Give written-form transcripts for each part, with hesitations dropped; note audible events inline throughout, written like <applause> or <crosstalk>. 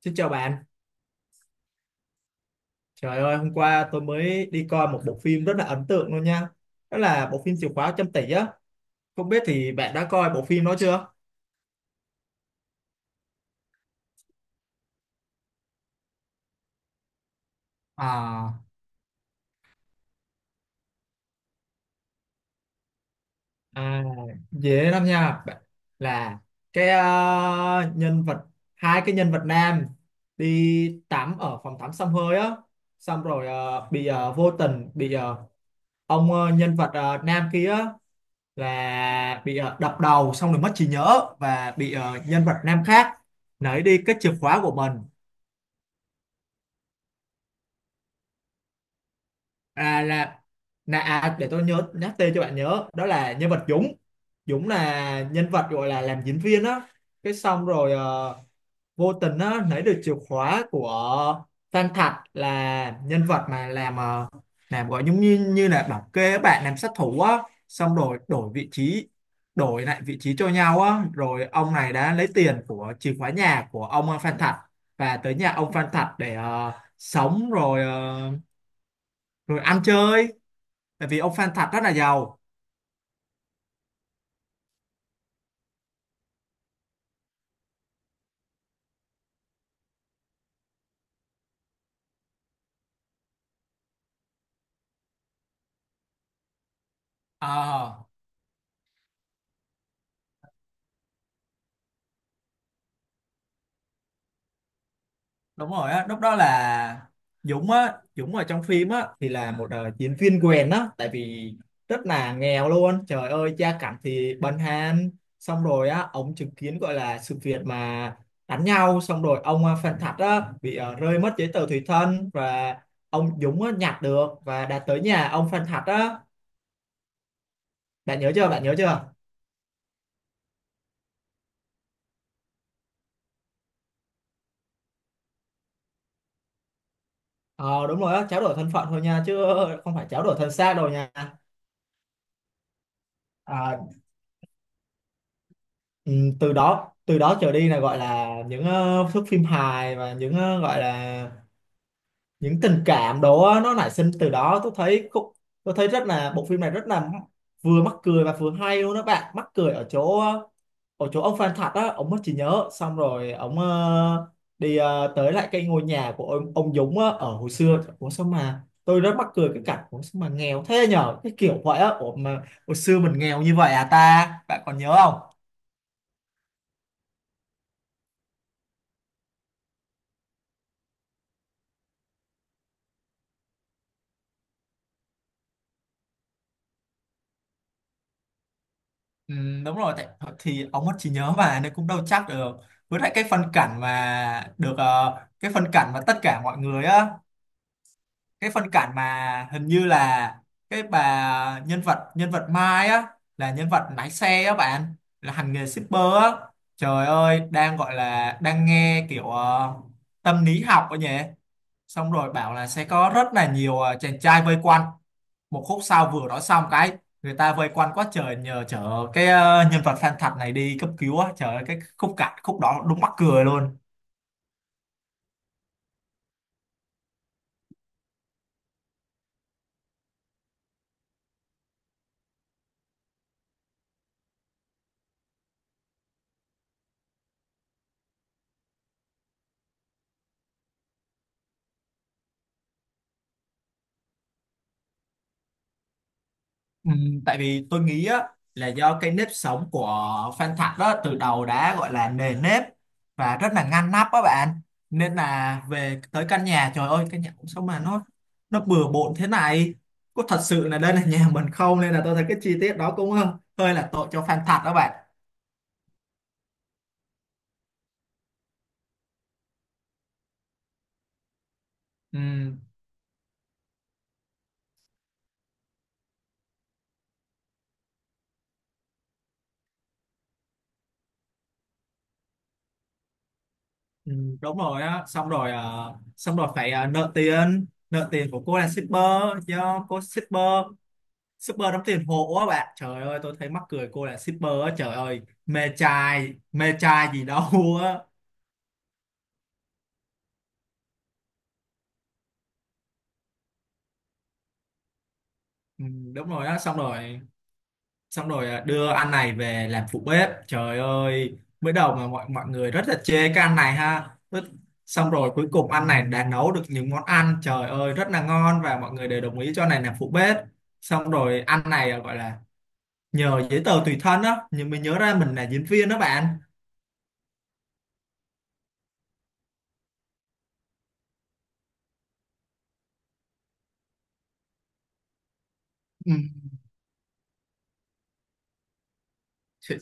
Xin chào bạn. Trời ơi, hôm qua tôi mới đi coi một bộ phim rất là ấn tượng luôn nha. Đó là bộ phim Chìa khóa trăm tỷ á. Không biết thì bạn đã coi bộ phim đó chưa? À, à, dễ lắm nha. Là cái ờ, nhân vật hai cái nhân vật nam đi tắm ở phòng tắm xông hơi á, xong rồi bị vô tình bị ông nhân vật nam kia là bị đập đầu xong rồi mất trí nhớ và bị nhân vật nam khác lấy đi cái chìa khóa của mình. à, là để tôi nhớ nhắc tên cho bạn nhớ, đó là nhân vật Dũng. Dũng là nhân vật gọi là làm diễn viên á, cái xong rồi vô tình á, lấy được chìa khóa của Phan Thạch, là nhân vật mà làm làm, giống như như là bảo kê á, bạn, làm sát thủ á, xong rồi đổi vị trí, đổi lại vị trí cho nhau á, rồi ông này đã lấy tiền của chìa khóa nhà của ông Phan Thạch, và tới nhà ông Phan Thạch để sống rồi ăn chơi, tại vì ông Phan Thạch rất là giàu. Ờ, đúng rồi á, lúc đó là Dũng ở trong phim á thì là một diễn viên quèn á, tại vì rất là nghèo luôn, trời ơi, gia cảnh thì bần hàn, xong rồi á, ông chứng kiến gọi là sự việc mà đánh nhau, xong rồi ông Phan Thạch á bị rơi mất giấy tờ tùy thân, và ông Dũng á, nhặt được và đã tới nhà ông Phan Thạch á. Bạn nhớ chưa, bạn nhớ chưa? Ờ Đúng rồi á, tráo đổi thân phận thôi nha, chứ không phải tráo đổi thân xác đâu nha. Ờ, ừ, từ đó trở đi là gọi là những thước phim hài, và những gọi là những tình cảm đó á, nó nảy sinh từ đó. Tôi thấy rất là, bộ phim này rất là vừa mắc cười và vừa hay luôn đó bạn. Mắc cười ở chỗ ông Phan Thật á, ông mất trí nhớ, xong rồi ông đi tới lại cái ngôi nhà của ông Dũng á, ở hồi xưa. Ủa, sao mà tôi rất mắc cười cái cảnh, ủa sao mà nghèo thế nhở, cái kiểu vậy á, ủa mà hồi xưa mình nghèo như vậy à ta, bạn còn nhớ không? Ừ, đúng rồi, tại thì ông mất trí nhớ mà, nên cũng đâu chắc được. Với lại cái phân cảnh mà được cái phân cảnh mà tất cả mọi người á, cái phân cảnh mà hình như là cái bà nhân vật Mai á, là nhân vật lái xe á bạn, là hành nghề shipper á, trời ơi đang gọi là đang nghe kiểu tâm lý học ấy nhỉ, xong rồi bảo là sẽ có rất là nhiều chàng trai vây quanh, một khúc sau vừa nói xong cái người ta vây quanh quá trời, nhờ chở cái nhân vật fan thật này đi cấp cứu á, trời ơi cái khúc cảnh, khúc đó đúng mắc cười luôn. Ừ, tại vì tôi nghĩ á, là do cái nếp sống của Phan Thạch đó từ đầu đã gọi là nề nếp và rất là ngăn nắp á bạn, nên là về tới căn nhà trời ơi, căn nhà cũng sao mà nó bừa bộn thế này, có thật sự là đây là nhà mình không, nên là tôi thấy cái chi tiết đó cũng hơi là tội cho Phan Thạch đó bạn. Ừ, ừ, đúng rồi á, xong rồi phải nợ tiền, nợ tiền của cô là shipper, do cô shipper shipper đóng tiền hộ á bạn, trời ơi tôi thấy mắc cười, cô là shipper á trời ơi, mê trai, mê trai gì đâu <laughs> á. Ừ, đúng rồi á, xong rồi à, đưa ăn này về làm phụ bếp, trời ơi mới đầu mà mọi mọi người rất là chê cái ăn này ha. Xong rồi cuối cùng ăn này đã nấu được những món ăn trời ơi rất là ngon, và mọi người đều đồng ý cho này làm phụ bếp, xong rồi ăn này à, gọi là nhờ giấy tờ tùy thân á nhưng mình nhớ ra mình là diễn viên đó bạn. Ừ.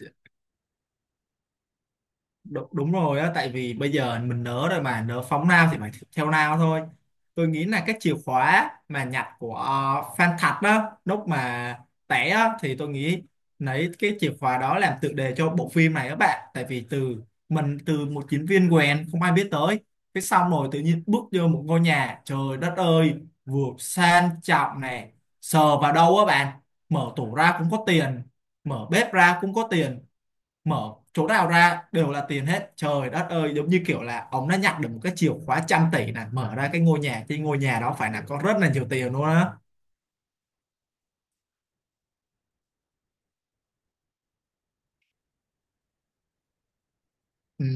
Đúng rồi á, tại vì bây giờ mình nớ rồi mà, nớ phóng nào thì phải theo nào thôi. Tôi nghĩ là cái chìa khóa mà nhặt của Phan Thạch đó lúc mà té á, thì tôi nghĩ lấy cái chìa khóa đó làm tựa đề cho bộ phim này các bạn, tại vì từ một chiến viên quèn không ai biết tới, cái xong rồi tự nhiên bước vô một ngôi nhà trời đất ơi, vừa sang trọng này, sờ vào đâu á bạn, mở tủ ra cũng có tiền, mở bếp ra cũng có tiền, mở chỗ nào ra đều là tiền hết, trời đất ơi, giống như kiểu là ông đã nhặt được một cái chìa khóa trăm tỷ này, mở ra cái ngôi nhà thì ngôi nhà đó phải là có rất là nhiều tiền luôn á. Ừ.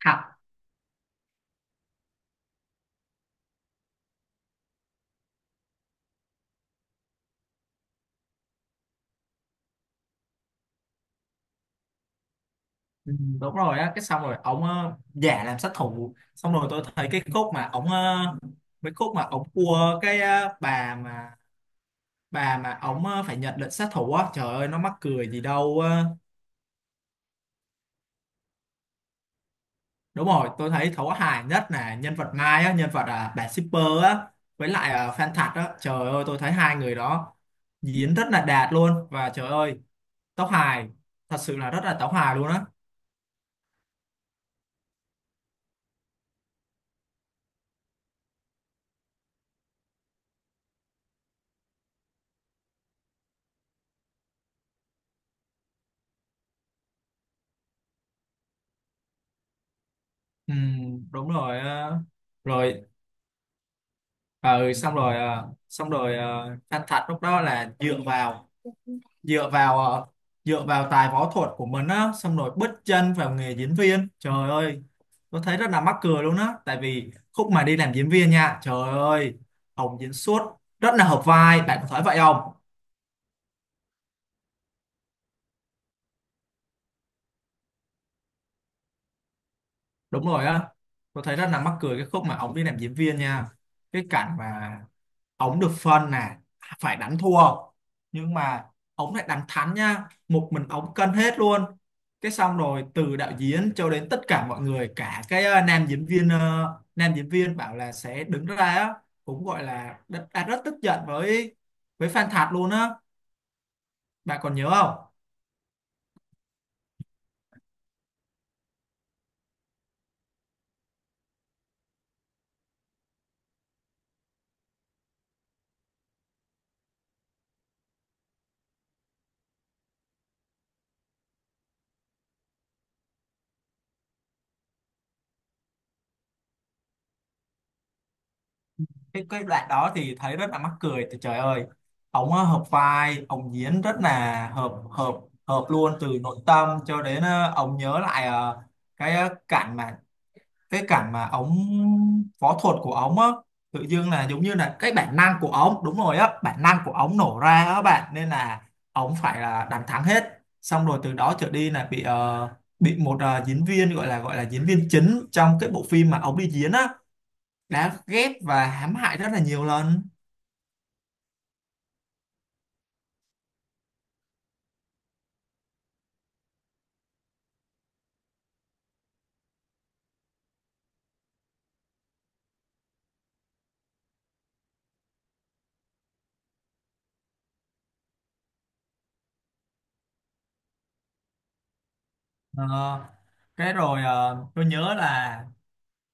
Thật. Ừ, đúng rồi á, cái xong rồi ông giả làm sát thủ, xong rồi tôi thấy cái khúc mà ông mấy khúc mà ông cua cái bà mà ông phải nhận lệnh sát thủ á, trời ơi nó mắc cười gì đâu. Đúng rồi, tôi thấy thấu hài nhất là nhân vật Mai á, nhân vật à, bà shipper á, với lại à, Phan Thật á. Trời ơi, tôi thấy hai người đó diễn rất là đạt luôn. Và trời ơi, tấu hài, thật sự là rất là tấu hài luôn á. Ừ, đúng rồi. Ờ. Rồi, ờ, Phan Thật lúc đó là dựa vào, dựa vào, ờ, dựa vào tài võ thuật của mình á, xong rồi bứt chân vào nghề diễn viên. Trời ơi, tôi thấy rất là mắc cười luôn á, tại vì khúc mà đi làm diễn viên nha, trời ơi Hồng diễn xuất rất là hợp vai, bạn có thấy vậy không? Đúng rồi á, tôi thấy rất là mắc cười cái khúc mà ông đi làm diễn viên nha, cái cảnh mà ổng được phân là phải đánh thua, nhưng mà ổng lại đánh thắng nha, một mình ổng cân hết luôn, cái xong rồi từ đạo diễn cho đến tất cả mọi người, cả cái nam diễn viên bảo là sẽ đứng ra á, cũng gọi là đã rất tức giận với Phan Thạc luôn á, bạn còn nhớ không? Cái đoạn đó thì thấy rất là mắc cười, thì trời ơi ổng hợp vai, ổng diễn rất là hợp hợp hợp luôn, từ nội tâm cho đến ổng nhớ lại cái ờ, cảnh mà cái cảnh mà ống võ thuật của ống á, tự dưng là giống như là cái bản năng của ống, đúng rồi á, bản năng của ống nổ ra á bạn, nên là ống phải là đánh thắng hết, xong rồi từ đó trở đi là bị một diễn viên gọi là diễn viên chính trong cái bộ phim mà ống đi diễn á, đã ghép và hãm hại rất là nhiều lần. Ờ, cái rồi tôi nhớ là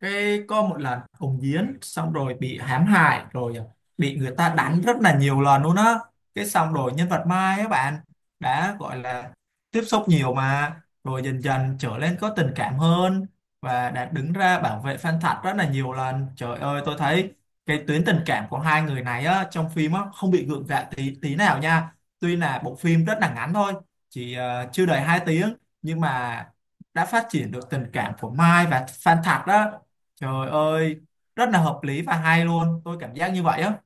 cái có một lần Hồng Diến xong rồi bị hãm hại rồi à, bị người ta đánh rất là nhiều lần luôn á, cái xong rồi nhân vật Mai á bạn, đã gọi là tiếp xúc nhiều mà, rồi dần dần trở nên có tình cảm hơn, và đã đứng ra bảo vệ Phan Thật rất là nhiều lần, trời ơi tôi thấy cái tuyến tình cảm của hai người này á, trong phim á, không bị gượng gạo tí tí nào nha, tuy là bộ phim rất là ngắn thôi, chỉ chưa đầy 2 tiếng, nhưng mà đã phát triển được tình cảm của Mai và Phan Thạc đó. Trời ơi, rất là hợp lý và hay luôn, tôi cảm giác như vậy á.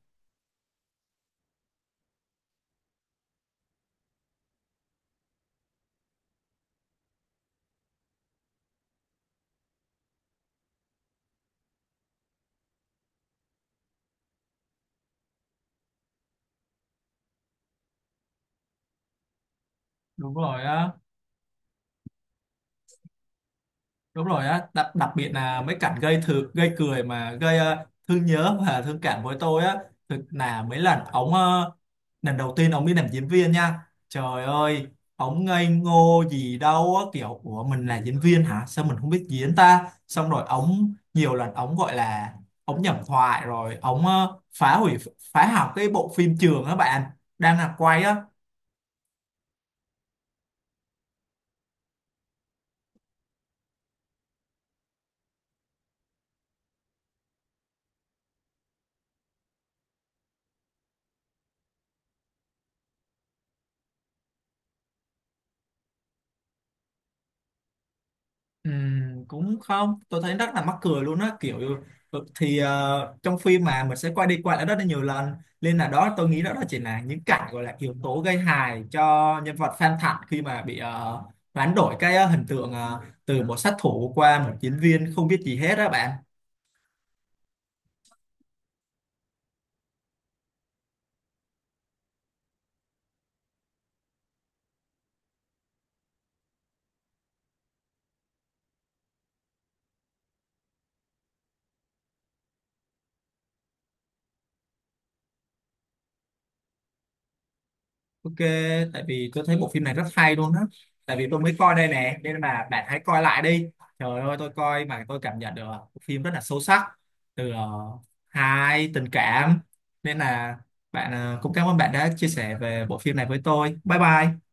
Đúng rồi á, đúng rồi á, đặc đặc biệt là mấy cảnh gây thử gây cười, mà gây thương nhớ và thương cảm với tôi á, thực là mấy lần ống ờ, lần đầu tiên ống đi làm diễn viên nha. Trời ơi, ống ngây ngô gì đâu á, kiểu ủa mình là diễn viên hả? Sao mình không biết diễn ta? Xong rồi ống nhiều lần ống gọi là ống nhầm thoại, rồi ống phá hủy, phá hỏng cái bộ phim trường á bạn, đang là quay á. Cũng không, tôi thấy rất là mắc cười luôn á, kiểu ừ, thì trong phim mà mình sẽ quay đi quay lại rất là nhiều lần, nên là đó tôi nghĩ đó là chỉ là những cảnh gọi là yếu tố gây hài cho nhân vật Phan Thận khi mà bị hoán đổi cái hình tượng từ một sát thủ qua một diễn viên không biết gì hết á bạn. Ok, tại vì tôi thấy bộ phim này rất hay luôn á. Tại vì tôi mới coi đây nè, nên là bạn hãy coi lại đi. Trời ơi, tôi coi mà tôi cảm nhận được bộ phim rất là sâu sắc, từ hài, tình cảm. Nên là bạn cũng cảm ơn bạn đã chia sẻ về bộ phim này với tôi. Bye bye.